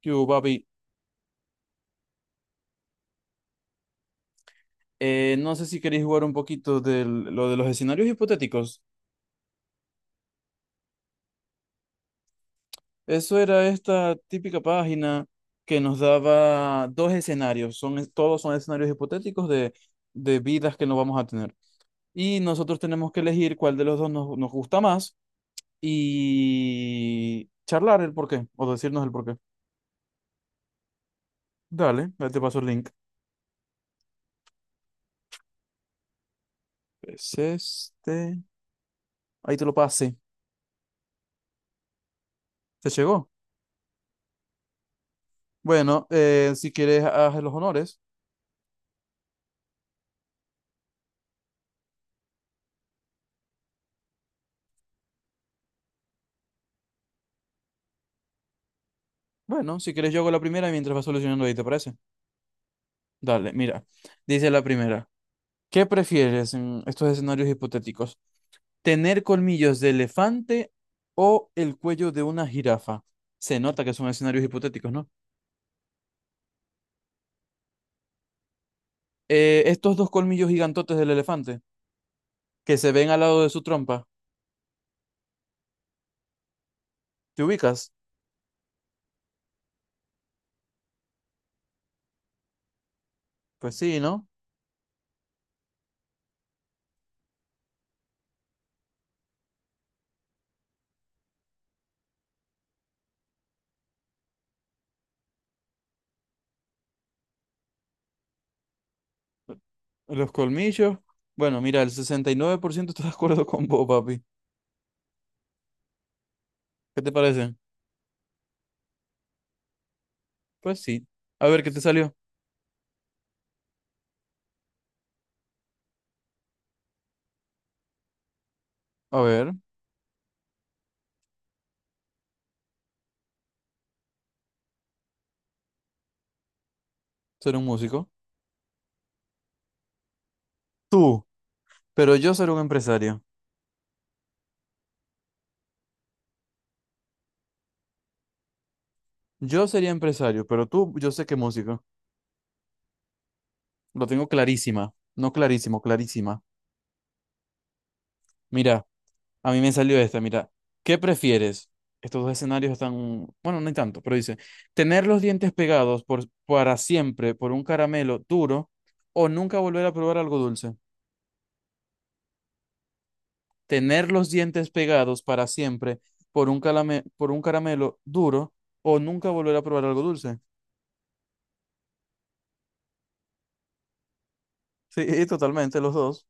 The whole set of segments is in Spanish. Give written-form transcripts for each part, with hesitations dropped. ¿Qué hubo, papi? No sé si queréis jugar un poquito de lo de los escenarios hipotéticos. Eso era esta típica página que nos daba dos escenarios. Todos son escenarios hipotéticos de vidas que no vamos a tener. Y nosotros tenemos que elegir cuál de los dos nos gusta más y charlar el porqué o decirnos el porqué. Dale, ahí te paso el link. Es este. Ahí te lo pasé. ¿Te llegó? Bueno, si quieres, haz los honores. Bueno, si quieres yo hago la primera mientras vas solucionando ahí, ¿te parece? Dale, mira. Dice la primera. ¿Qué prefieres en estos escenarios hipotéticos? ¿Tener colmillos de elefante o el cuello de una jirafa? Se nota que son escenarios hipotéticos, ¿no? Estos dos colmillos gigantotes del elefante que se ven al lado de su trompa, ¿te ubicas? Pues sí, ¿no? Los colmillos. Bueno, mira, el 69% está de acuerdo con vos, papi. ¿Qué te parece? Pues sí. A ver, ¿qué te salió? A ver, ser un músico. Tú. Pero yo seré un empresario. Yo sería empresario, pero tú, yo sé que músico. Lo tengo clarísima. No clarísimo, clarísima. Mira, a mí me salió esta, mira. ¿Qué prefieres? Estos dos escenarios están, bueno, no hay tanto, pero dice, tener los dientes pegados para siempre por un caramelo duro o nunca volver a probar algo dulce. Tener los dientes pegados para siempre por un por un caramelo duro o nunca volver a probar algo dulce. Sí, totalmente, los dos.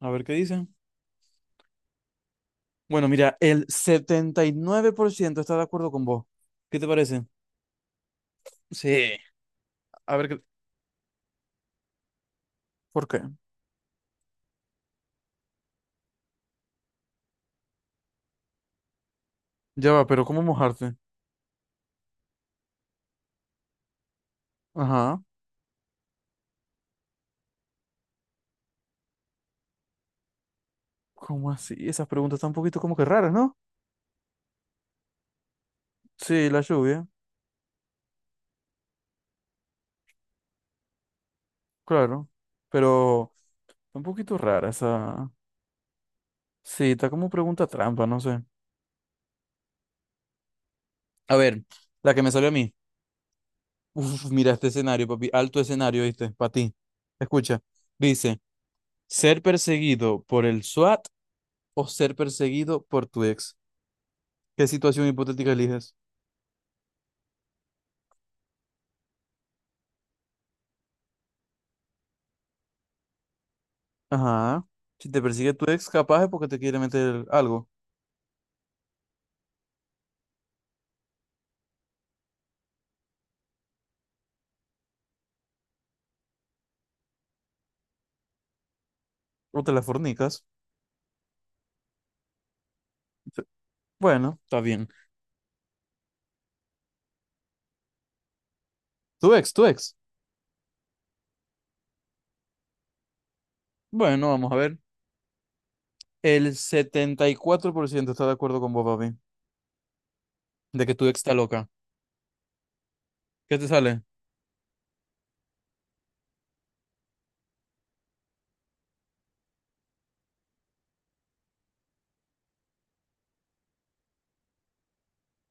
A ver qué dicen. Bueno, mira, el 79% está de acuerdo con vos. ¿Qué te parece? Sí. A ver, qué- ¿por qué? Ya va, pero ¿cómo mojarte? Ajá. ¿Cómo así? Esas preguntas están un poquito como que raras, ¿no? Sí, la lluvia, claro. Pero está un poquito rara esa. Sí, está como pregunta trampa, no sé. A ver, la que me salió a mí. Uf, mira este escenario, papi. Alto escenario, ¿viste? Para ti. Escucha. Dice, ¿ser perseguido por el SWAT o ser perseguido por tu ex? ¿Qué situación hipotética eliges? Ajá. Si te persigue tu ex, capaz es porque te quiere meter algo. O te la fornicas. Sí. Bueno, está bien. Tu ex, tu ex. Bueno, vamos a ver. El 74% está de acuerdo con vos, papi. De que tu ex está loca. ¿Qué te sale?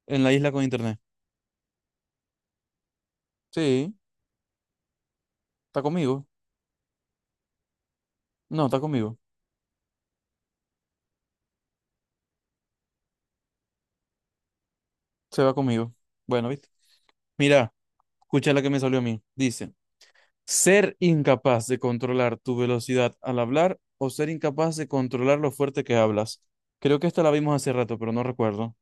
En la isla con internet. Sí, está conmigo. No, está conmigo. Se va conmigo. Bueno, ¿viste? Mira, escucha la que me salió a mí. Dice. Ser incapaz de controlar tu velocidad al hablar o ser incapaz de controlar lo fuerte que hablas. Creo que esta la vimos hace rato, pero no recuerdo.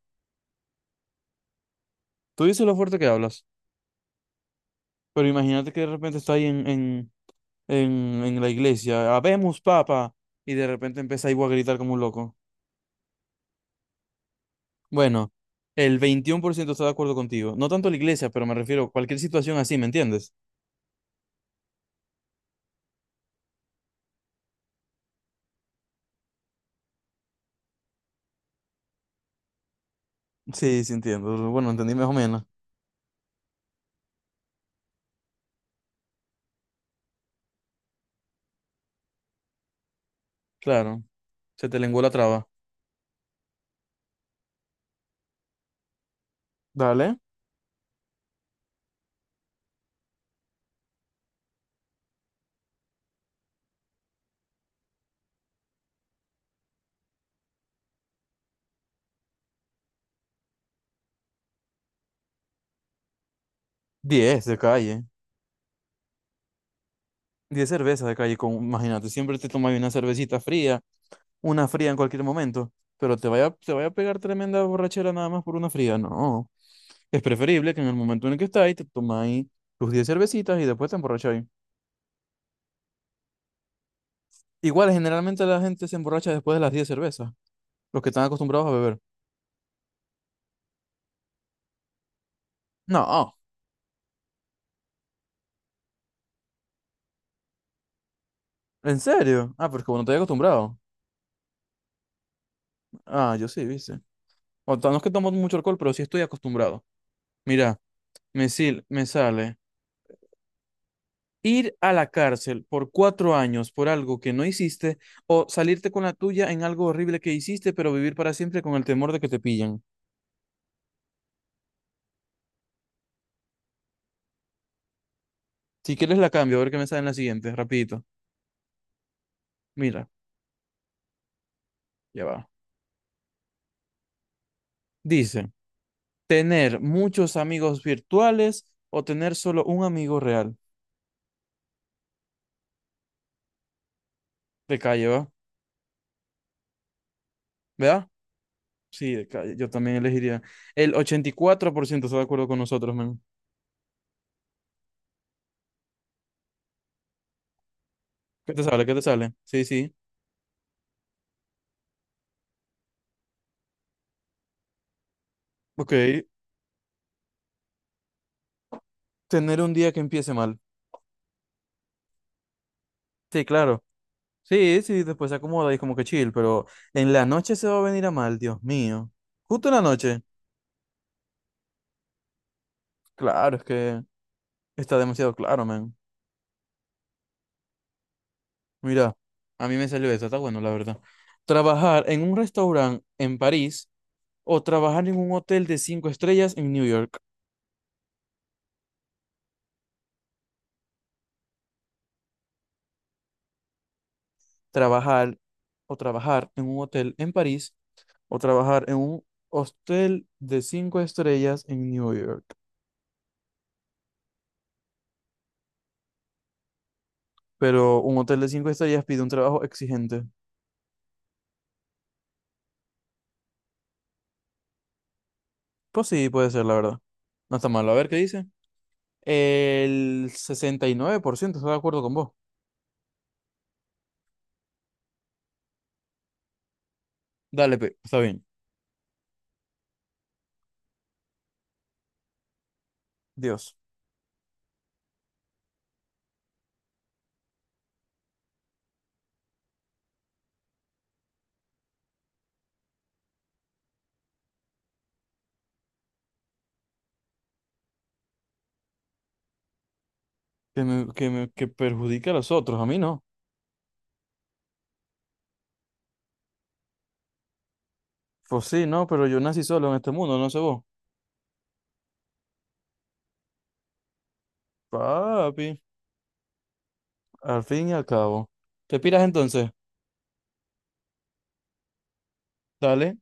Tú dices lo fuerte que hablas, pero imagínate que de repente está ahí en la iglesia, habemos papa, y de repente empieza ahí a gritar como un loco. Bueno, el 21% está de acuerdo contigo. No tanto la iglesia, pero me refiero a cualquier situación así, ¿me entiendes? Sí, sí entiendo. Bueno, entendí más o menos. Claro, se te lenguó la traba. Dale. 10 de calle. 10 cervezas de calle, con, imagínate, siempre te tomas una cervecita fría, una fría en cualquier momento, pero te vaya a pegar tremenda borrachera nada más por una fría, no. Es preferible que en el momento en el que estáis, te tomáis tus 10 cervecitas y después te emborracháis. Igual, generalmente la gente se emborracha después de las 10 cervezas, los que están acostumbrados a beber. No, ¿en serio? Ah, pero es que bueno no te acostumbrado. Ah, yo sí, viste. O sea, no es que tomo mucho alcohol, pero sí estoy acostumbrado. Mira, me sale ir a la cárcel por 4 años por algo que no hiciste o salirte con la tuya en algo horrible que hiciste, pero vivir para siempre con el temor de que te pillan. Si quieres la cambio, a ver qué me sale en la siguiente, rapidito. Mira, ya va. Dice, tener muchos amigos virtuales o tener solo un amigo real. De calle, ¿va? ¿Verdad? Sí, de calle. Yo también elegiría. El 84% está de acuerdo con nosotros, man. ¿Qué te sale? ¿Qué te sale? Sí, sí. Ok. Tener un día que empiece mal. Sí, claro. Sí, sí, después se acomoda y como que chill, pero en la noche se va a venir a mal, Dios mío. Justo en la noche. Claro, es que está demasiado claro, man. Mira, a mí me salió eso, está bueno, la verdad. Trabajar en un restaurante en París o trabajar en un hotel de 5 estrellas en New York. Trabajar o trabajar en un hotel en París o trabajar en un hotel de cinco estrellas en New York. Pero un hotel de cinco estrellas pide un trabajo exigente. Pues sí, puede ser, la verdad. No está malo. A ver qué dice. El 69% está de acuerdo con vos. Dale, pe, está bien. Dios. Que perjudique a los otros, a mí no. Pues sí, no, pero yo nací solo en este mundo, no sé vos. Papi, al fin y al cabo. ¿Te piras entonces? Dale.